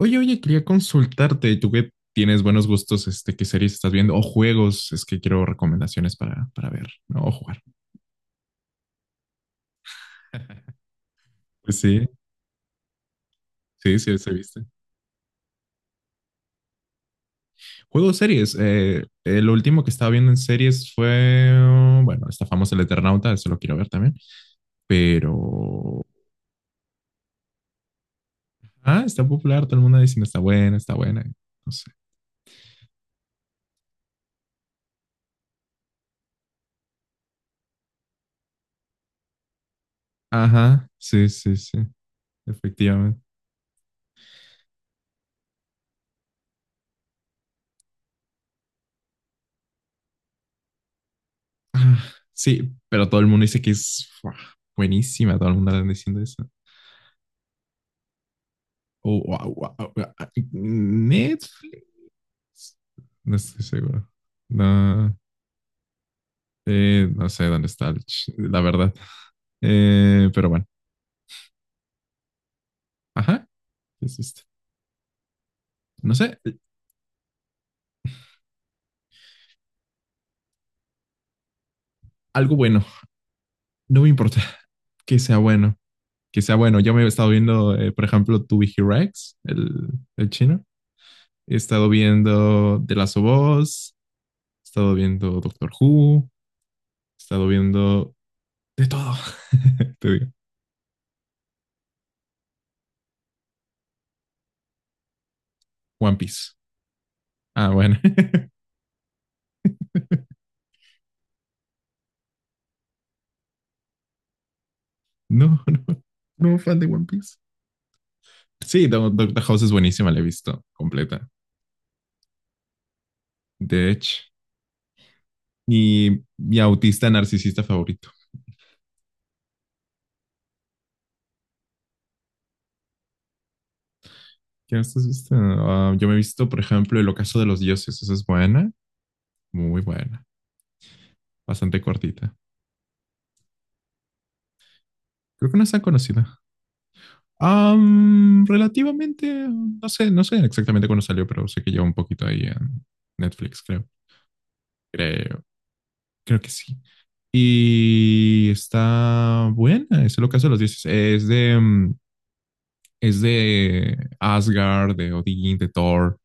Oye, quería consultarte, tú que tienes buenos gustos, ¿qué series estás viendo? O juegos, es que quiero recomendaciones para ver, ¿no? O jugar. Pues sí, sí, sí, se viste. Juegos, series. Lo último que estaba viendo en series fue, oh, bueno, está famoso El Eternauta, eso lo quiero ver también, pero... Ah, está popular, todo el mundo diciendo está buena, no sé. Ajá, sí, sí, sí, efectivamente. Ah, sí, pero todo el mundo dice que es... buah, buenísima, todo el mundo está diciendo eso. O, o- o- o- o- Netflix. No estoy seguro. No, no sé dónde está, la verdad. Pero bueno, ajá, ¿qué es esto? No sé, algo bueno. No me importa que sea bueno, que sea bueno. Yo me he estado viendo, por ejemplo, To Be Hero X, el chino. He estado viendo The Last of Us, he estado viendo Doctor Who, he estado viendo de todo. Te digo, One Piece. Ah, bueno. No, no, no, fan de One Piece. Sí, Doctor House es buenísima, la he visto completa. De hecho, y mi autista narcisista favorito. ¿Qué más has visto? Ah, yo me he visto, por ejemplo, El Ocaso de los Dioses. Esa es buena, muy buena, bastante cortita. Creo que no es tan conocida. Relativamente, no sé, no sé exactamente cuándo salió, pero sé que lleva un poquito ahí en Netflix, creo. Creo, creo que sí. Y está buena, eso es lo que hace los dioses. Es de, es de Asgard, de Odín, de Thor.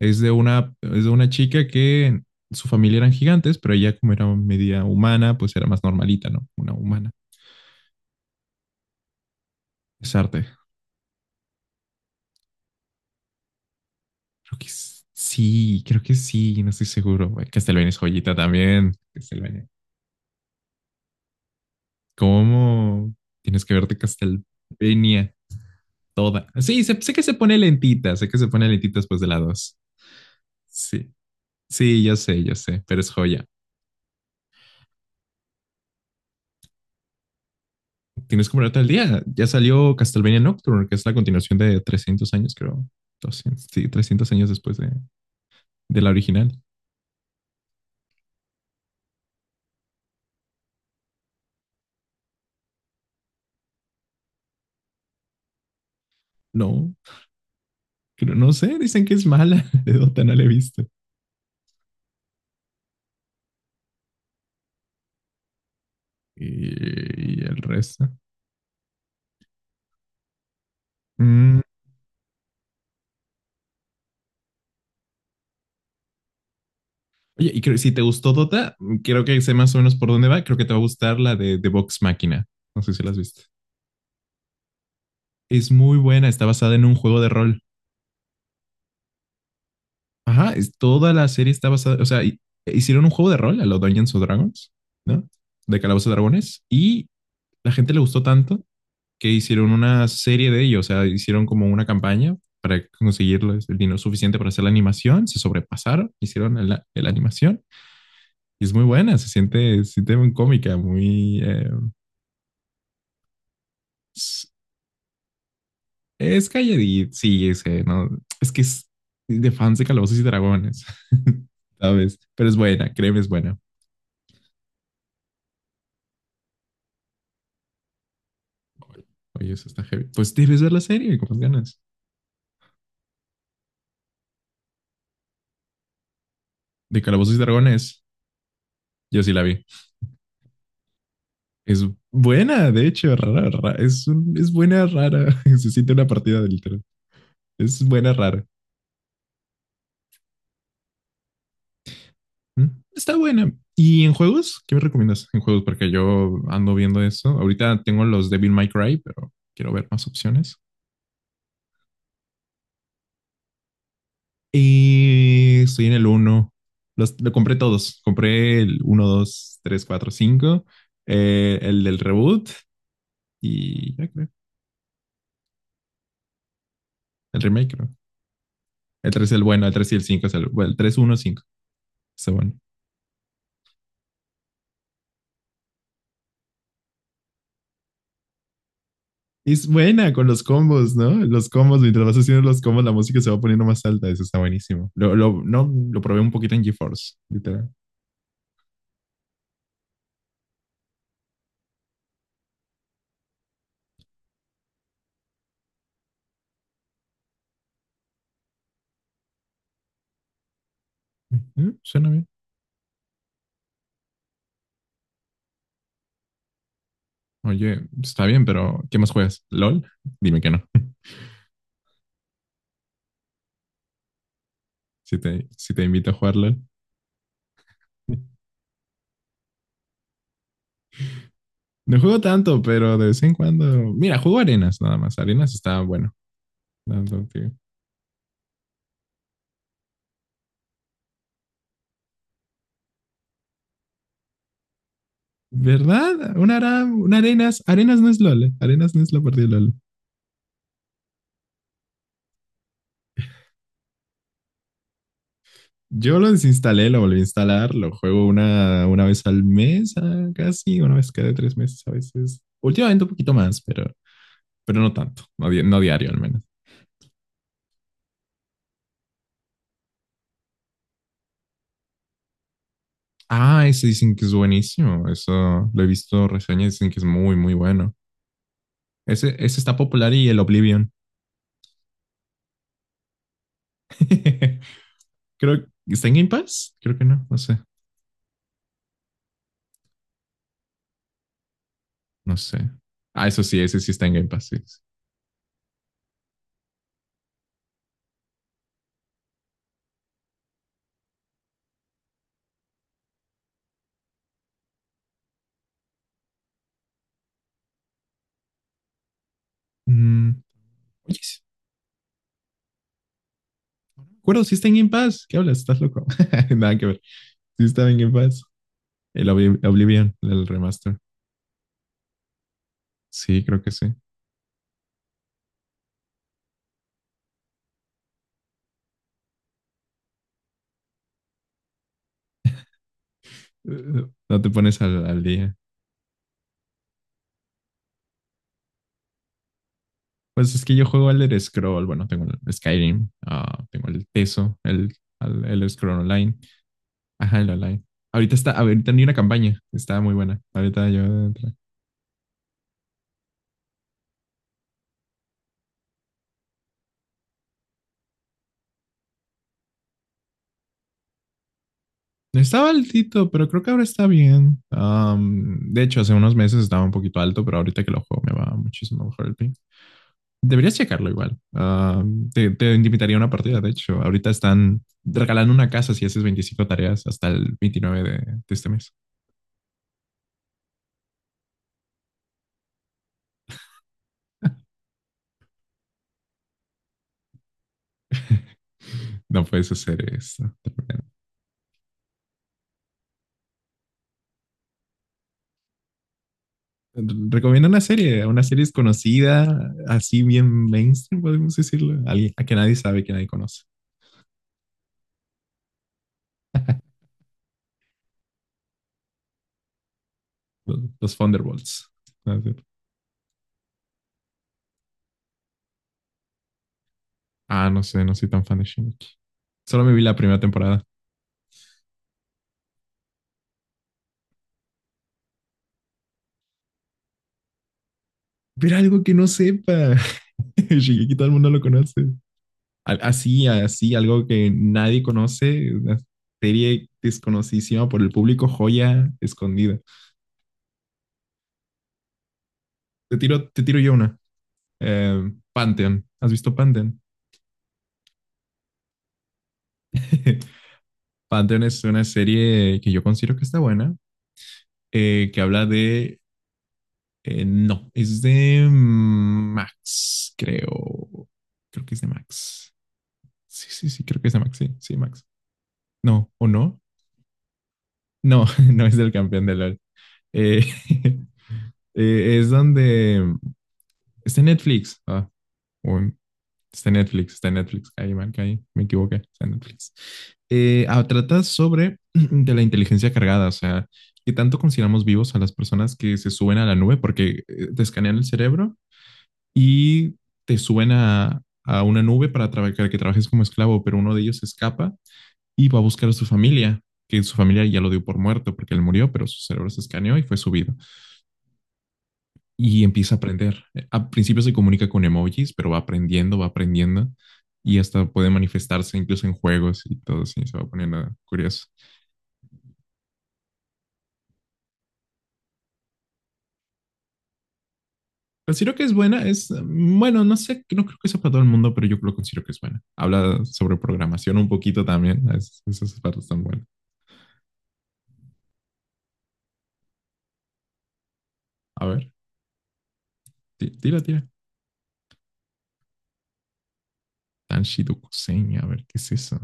Es de una chica que su familia eran gigantes, pero ella como era media humana, pues era más normalita, ¿no? Una humana. Es arte. Creo que sí, creo que sí, no estoy seguro, güey. Castlevania es joyita también. Castlevania. ¿Cómo tienes que verte Castlevania toda? Sí, sé que se pone lentita, sé que se pone lentita después de la dos. Sí. Sí, ya sé, pero es joya. Tienes que ponerte al día. Ya salió Castlevania Nocturne, que es la continuación de 300 años, creo. 200, sí, 300 años después de la original. No, no sé, dicen que es mala. De Dota no la he visto. Y el resto. Mm, Oye, y creo, si te gustó Dota, creo que sé más o menos por dónde va. Creo que te va a gustar la de Vox Máquina. No sé si la has visto. Es muy buena, está basada en un juego de rol. Ajá, toda la serie está basada, o sea, hicieron un juego de rol a los Dungeons o Dragons, ¿no? De Calabozos y Dragones, y la gente le gustó tanto que hicieron una serie de ellos, o sea, hicieron como una campaña para conseguir el dinero suficiente para hacer la animación, se sobrepasaron, hicieron la animación, y es muy buena, se siente muy cómica, muy... es, es calladita, sí, es, no, es que es de fans de Calabozos y Dragones, ¿sabes? Pero es buena, créeme, es buena. Oye, eso está heavy. Pues debes ver la serie con más ganas. De Calabozos y Dragones. Yo sí la vi. Es buena, de hecho, rara, rara. Es, es buena, rara. Se siente una partida de literal. Es buena, rara. ¿Mm? Está buena. ¿Y en juegos? ¿Qué me recomiendas en juegos? Porque yo ando viendo eso. Ahorita tengo los Devil May Cry, pero quiero ver más opciones. Y estoy en el uno. Lo compré todos. Compré el uno, 2, 3, 4, cinco, el del reboot. Y ya creo. El remake, creo. El 3 es el bueno, el 3 y el 5 es el, bueno, el 3, 1, 5. Está bueno. Y es buena con los combos, ¿no? Los combos, mientras vas haciendo los combos, la música se va poniendo más alta. Eso está buenísimo. Lo, no, lo probé un poquito en GeForce, literal. Suena bien. Oye, está bien, pero ¿qué más juegas? ¿LOL? Dime que no. Si te invito a jugar LOL. No juego tanto, pero de vez en cuando. Mira, juego arenas nada más. Arenas está bueno. No, no, ¿verdad? Una arenas. Arenas no es LOL. Arenas no es la partida de LOL. Yo lo desinstalé, lo volví a instalar, lo juego una vez al mes, ah, casi, una vez cada 3 meses a veces. Últimamente un poquito más, pero no tanto, no, no diario al menos. Ah, ese dicen que es buenísimo, eso lo he visto reseñas, dicen que es muy, muy bueno. Ese está popular y el Oblivion. Creo, ¿está en Game Pass? Creo que no, no sé, no sé. Ah, eso sí, ese sí está en Game Pass, sí, sí. Mm, oye, sí, me acuerdo, sí está en Game Pass. ¿Qué hablas? ¿Estás loco? Nada que ver. Sí está en Game Pass. El Oblivion, el remaster. Sí, creo que sí. No te pones al, al día. Pues es que yo juego Elder Scroll. Bueno, tengo el Skyrim, ah, tengo el Teso, el Elder Scroll Online. Ajá, el online. Ahorita está, ahorita ni una campaña. Está muy buena. Ahorita yo entré. Estaba altito, pero creo que ahora está bien. De hecho, hace unos meses estaba un poquito alto, pero ahorita que lo juego me va muchísimo mejor el ping. Deberías checarlo igual. Ah, te invitaría a una partida, de hecho. Ahorita están regalando una casa si haces 25 tareas hasta el 29 de este mes. No puedes hacer eso. Recomiendo una serie desconocida, así bien mainstream, podemos decirlo. Alguien, a que nadie sabe, que nadie conoce. Los Thunderbolts. Ah, sí. Ah, no sé, no soy tan fan de Shingeki. Solo me vi la primera temporada. Pero algo que no sepa. Shingeki todo el mundo lo conoce. Así, así, algo que nadie conoce, una serie desconocidísima por el público, joya escondida. Te tiro yo una. Pantheon. ¿Has visto Pantheon? Pantheon es una serie que yo considero que está buena, que habla de... no, es de Max, creo. Creo que es de Max. Sí, sí, sí, creo que es de Max, sí, sí, Max. No, ¿o no? No, no es del campeón de LOL. Eh, es donde está en Netflix. Ah, o en- está en Netflix, está en Netflix. Ahí, man, ahí, me equivoqué. Está en Netflix. Trata sobre de la inteligencia cargada, o sea, qué tanto consideramos vivos a las personas que se suben a la nube porque te escanean el cerebro y te suben a una nube para para que trabajes como esclavo, pero uno de ellos escapa y va a buscar a su familia, que su familia ya lo dio por muerto porque él murió, pero su cerebro se escaneó y fue subido y empieza a aprender. Al principio se comunica con emojis, pero va aprendiendo y hasta puede manifestarse incluso en juegos y todo así, se va poniendo curioso. Considero que es buena, es, bueno, no sé, no creo que sea para todo el mundo, pero yo lo considero que es buena. Habla sobre programación un poquito también, es, esas partes están buenas. A ver, tira, tira. Tanshido Kusein, a ver, ¿qué es eso?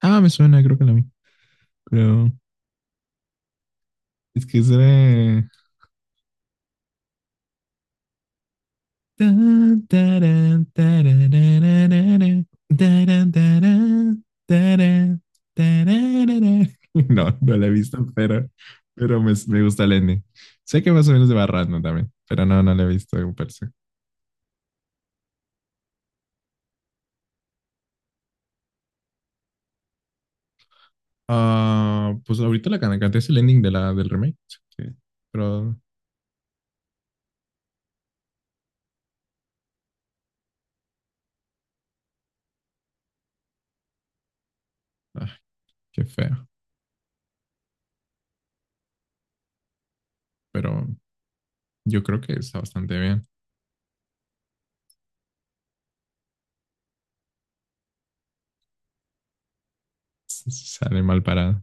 Ah, me suena, creo que la vi, pero es que es de... No, no la he visto, pero me gusta el ending. Sé que más o menos de Barrando también, pero no, no la he visto en persona. Ah, pues ahorita la canté es el ending de la, del remake, así que pero ah, qué feo. Pero yo creo que está bastante bien. Sale mal parado.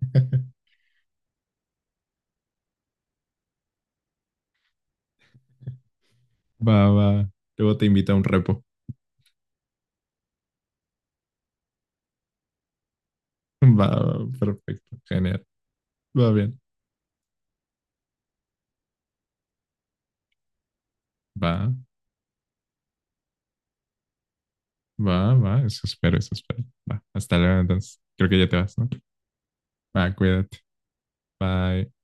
Va, va. Luego te invito a un repo. Va, va, perfecto, genial. Va bien. Va, va, va. Eso espero, eso espero. Va. Hasta luego, entonces. Creo que ya te vas, ¿no? Va, cuídate. Bye.